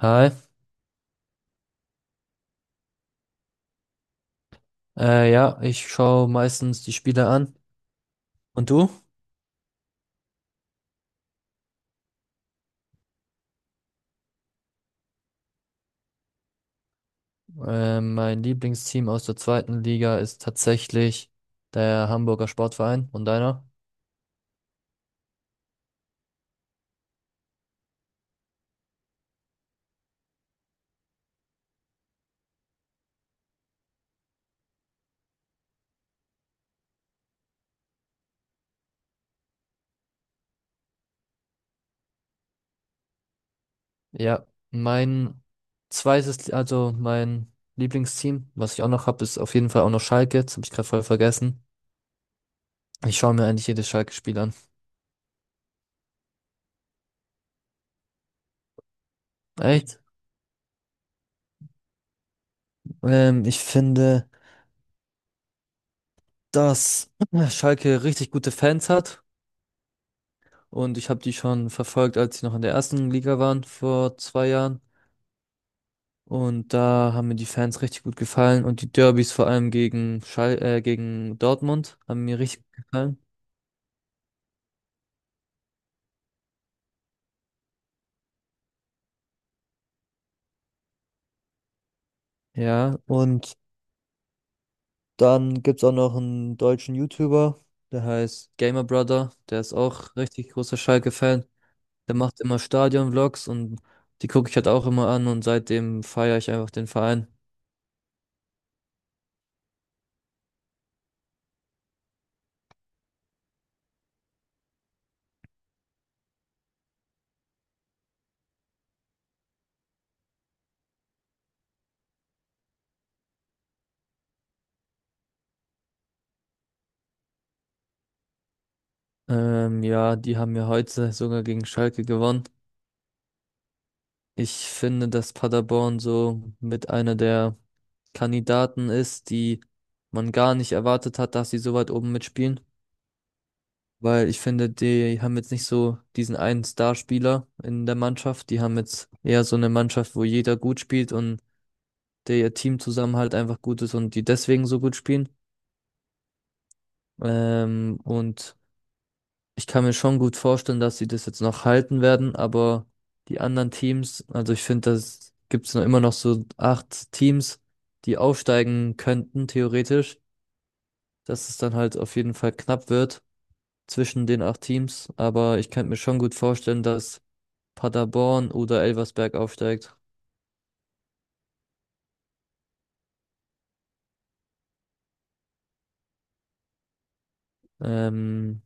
Hi, ja, ich schaue meistens die Spiele an. Und du? Mein Lieblingsteam aus der zweiten Liga ist tatsächlich der Hamburger Sportverein. Und deiner? Ja, mein zweites, also mein Lieblingsteam, was ich auch noch habe, ist auf jeden Fall auch noch Schalke. Das habe ich gerade voll vergessen. Ich schaue mir eigentlich jedes Schalke-Spiel an. Echt? Ich finde, dass Schalke richtig gute Fans hat. Und ich habe die schon verfolgt, als sie noch in der ersten Liga waren vor 2 Jahren. Und da haben mir die Fans richtig gut gefallen und die Derbys vor allem gegen Schal gegen Dortmund haben mir richtig gut gefallen. Ja, und dann gibt's auch noch einen deutschen YouTuber, der heißt Gamer Brother, der ist auch richtig großer Schalke-Fan. Der macht immer Stadion-Vlogs und die gucke ich halt auch immer an und seitdem feiere ich einfach den Verein. Ja, die haben ja heute sogar gegen Schalke gewonnen. Ich finde, dass Paderborn so mit einer der Kandidaten ist, die man gar nicht erwartet hat, dass sie so weit oben mitspielen. Weil ich finde, die haben jetzt nicht so diesen einen Starspieler in der Mannschaft. Die haben jetzt eher so eine Mannschaft, wo jeder gut spielt und der Teamzusammenhalt einfach gut ist und die deswegen so gut spielen. Und ich kann mir schon gut vorstellen, dass sie das jetzt noch halten werden, aber die anderen Teams, also ich finde, das gibt's noch immer noch so acht Teams, die aufsteigen könnten, theoretisch. Dass es dann halt auf jeden Fall knapp wird zwischen den acht Teams. Aber ich könnte mir schon gut vorstellen, dass Paderborn oder Elversberg aufsteigt. Ähm,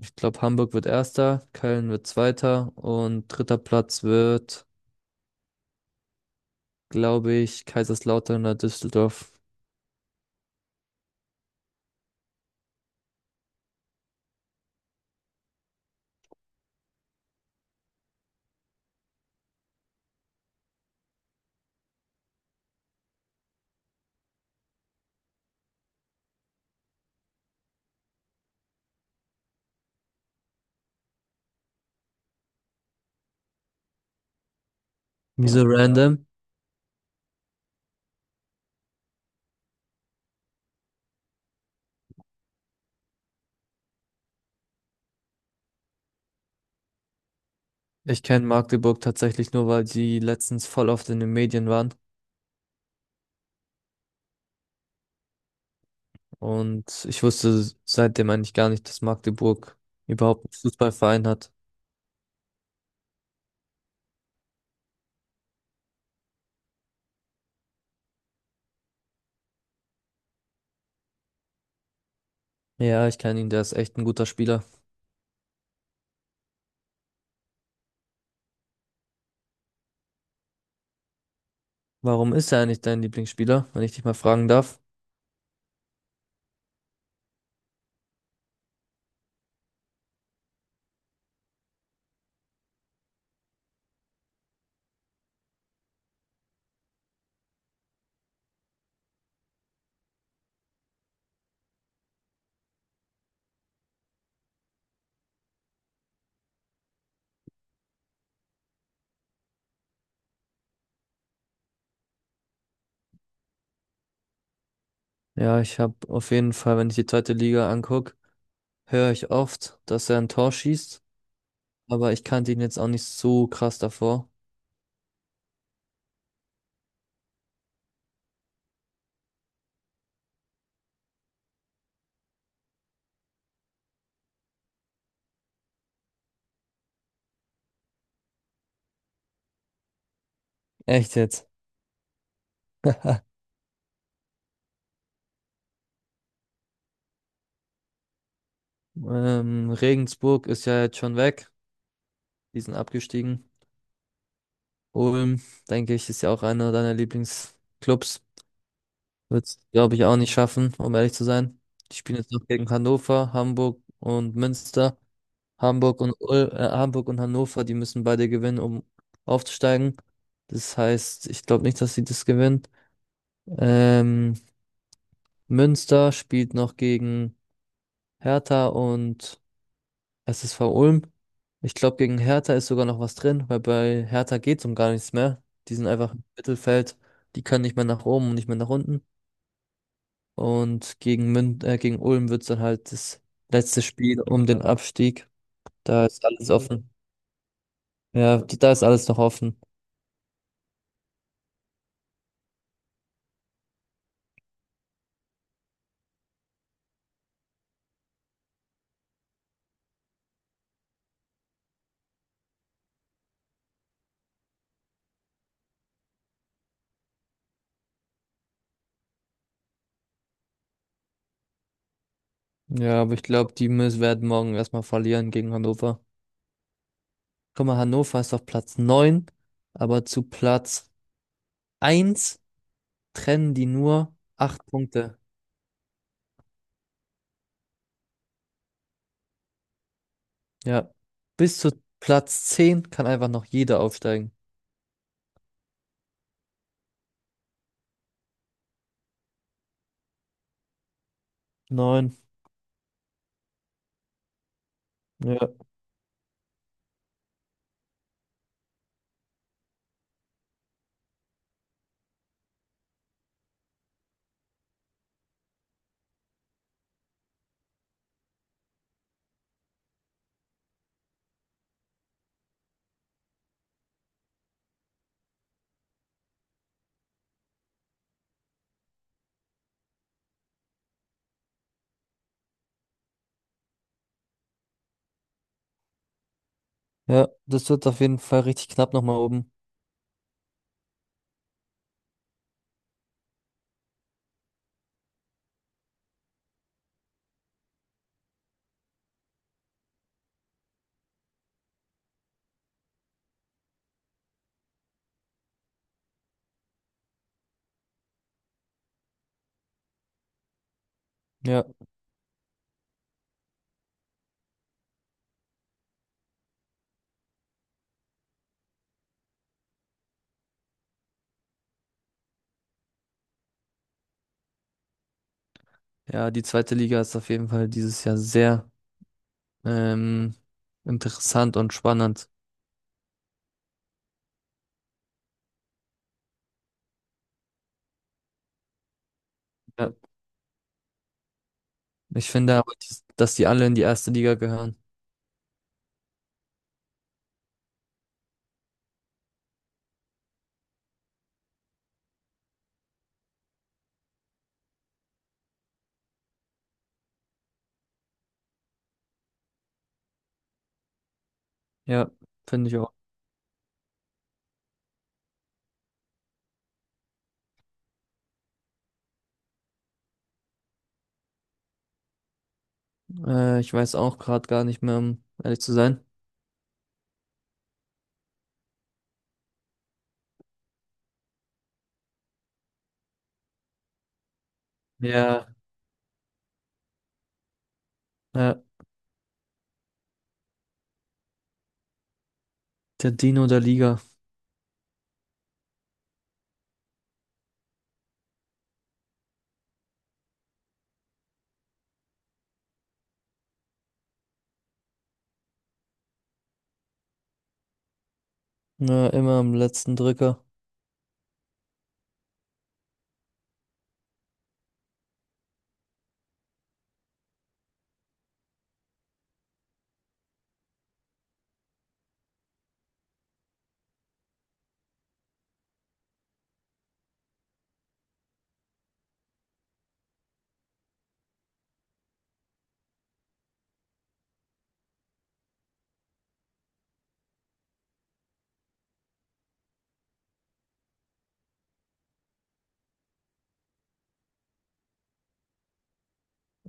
Ich glaube, Hamburg wird Erster, Köln wird Zweiter und dritter Platz wird, glaube ich, Kaiserslautern oder Düsseldorf. Wieso, ja, random? Ich kenne Magdeburg tatsächlich nur, weil sie letztens voll oft in den Medien waren. Und ich wusste seitdem eigentlich gar nicht, dass Magdeburg überhaupt einen Fußballverein hat. Ja, ich kenne ihn, der ist echt ein guter Spieler. Warum ist er eigentlich dein Lieblingsspieler, wenn ich dich mal fragen darf? Ja, ich habe auf jeden Fall, wenn ich die zweite Liga anguck, höre ich oft, dass er ein Tor schießt, aber ich kannte ihn jetzt auch nicht so krass davor. Echt jetzt? Regensburg ist ja jetzt schon weg, die sind abgestiegen. Ulm, denke ich, ist ja auch einer deiner Lieblingsclubs. Wird's, glaube ich, auch nicht schaffen, um ehrlich zu sein. Die spielen jetzt noch gegen Hannover, Hamburg und Münster. Hamburg und Hannover, die müssen beide gewinnen, um aufzusteigen. Das heißt, ich glaube nicht, dass sie das gewinnen. Ähm, Münster spielt noch gegen Hertha und SSV Ulm. Ich glaube, gegen Hertha ist sogar noch was drin, weil bei Hertha geht es um gar nichts mehr. Die sind einfach im Mittelfeld, die können nicht mehr nach oben und nicht mehr nach unten. Und gegen Mün gegen Ulm wird es dann halt das letzte Spiel um den Abstieg. Da ist alles offen. Ja, da ist alles noch offen. Ja, aber ich glaube, die müssen werden morgen erstmal verlieren gegen Hannover. Guck mal, Hannover ist auf Platz neun, aber zu Platz eins trennen die nur 8 Punkte. Ja. Bis zu Platz 10 kann einfach noch jeder aufsteigen. Neun. Ja. Ja, das wird auf jeden Fall richtig knapp nochmal oben. Ja. Ja, die zweite Liga ist auf jeden Fall dieses Jahr sehr ähm, interessant und spannend. Ja. Ich finde aber, dass die alle in die erste Liga gehören. Ja, finde ich auch. Ich weiß auch gerade gar nicht mehr, um ehrlich zu sein. Ja, ja, der Dino der Liga. Ja, immer am letzten Drücker.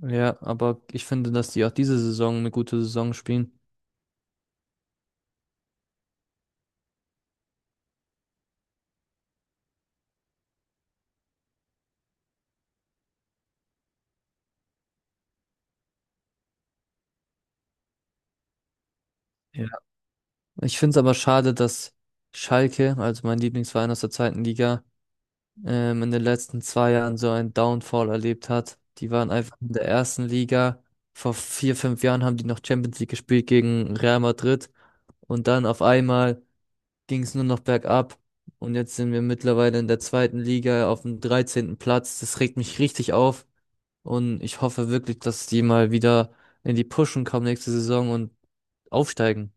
Ja, aber ich finde, dass die auch diese Saison eine gute Saison spielen. Ja. Ich finde es aber schade, dass Schalke, also mein Lieblingsverein aus der zweiten Liga, in den letzten 2 Jahren so einen Downfall erlebt hat. Die waren einfach in der ersten Liga. Vor 4, 5 Jahren haben die noch Champions League gespielt gegen Real Madrid. Und dann auf einmal ging es nur noch bergab. Und jetzt sind wir mittlerweile in der zweiten Liga auf dem 13. Platz. Das regt mich richtig auf. Und ich hoffe wirklich, dass die mal wieder in die Pushen kommen nächste Saison und aufsteigen.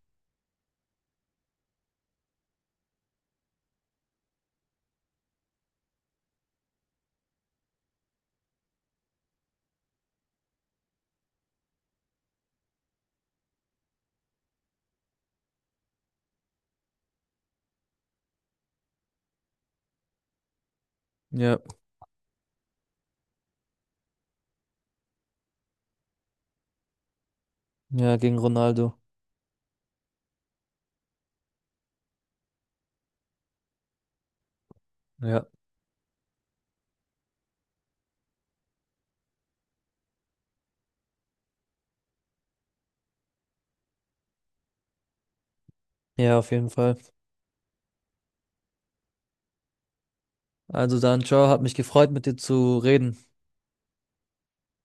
Ja, ja, gegen Ronaldo. Ja. Ja, auf jeden Fall. Also dann, ciao, hat mich gefreut, mit dir zu reden.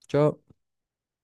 Ciao.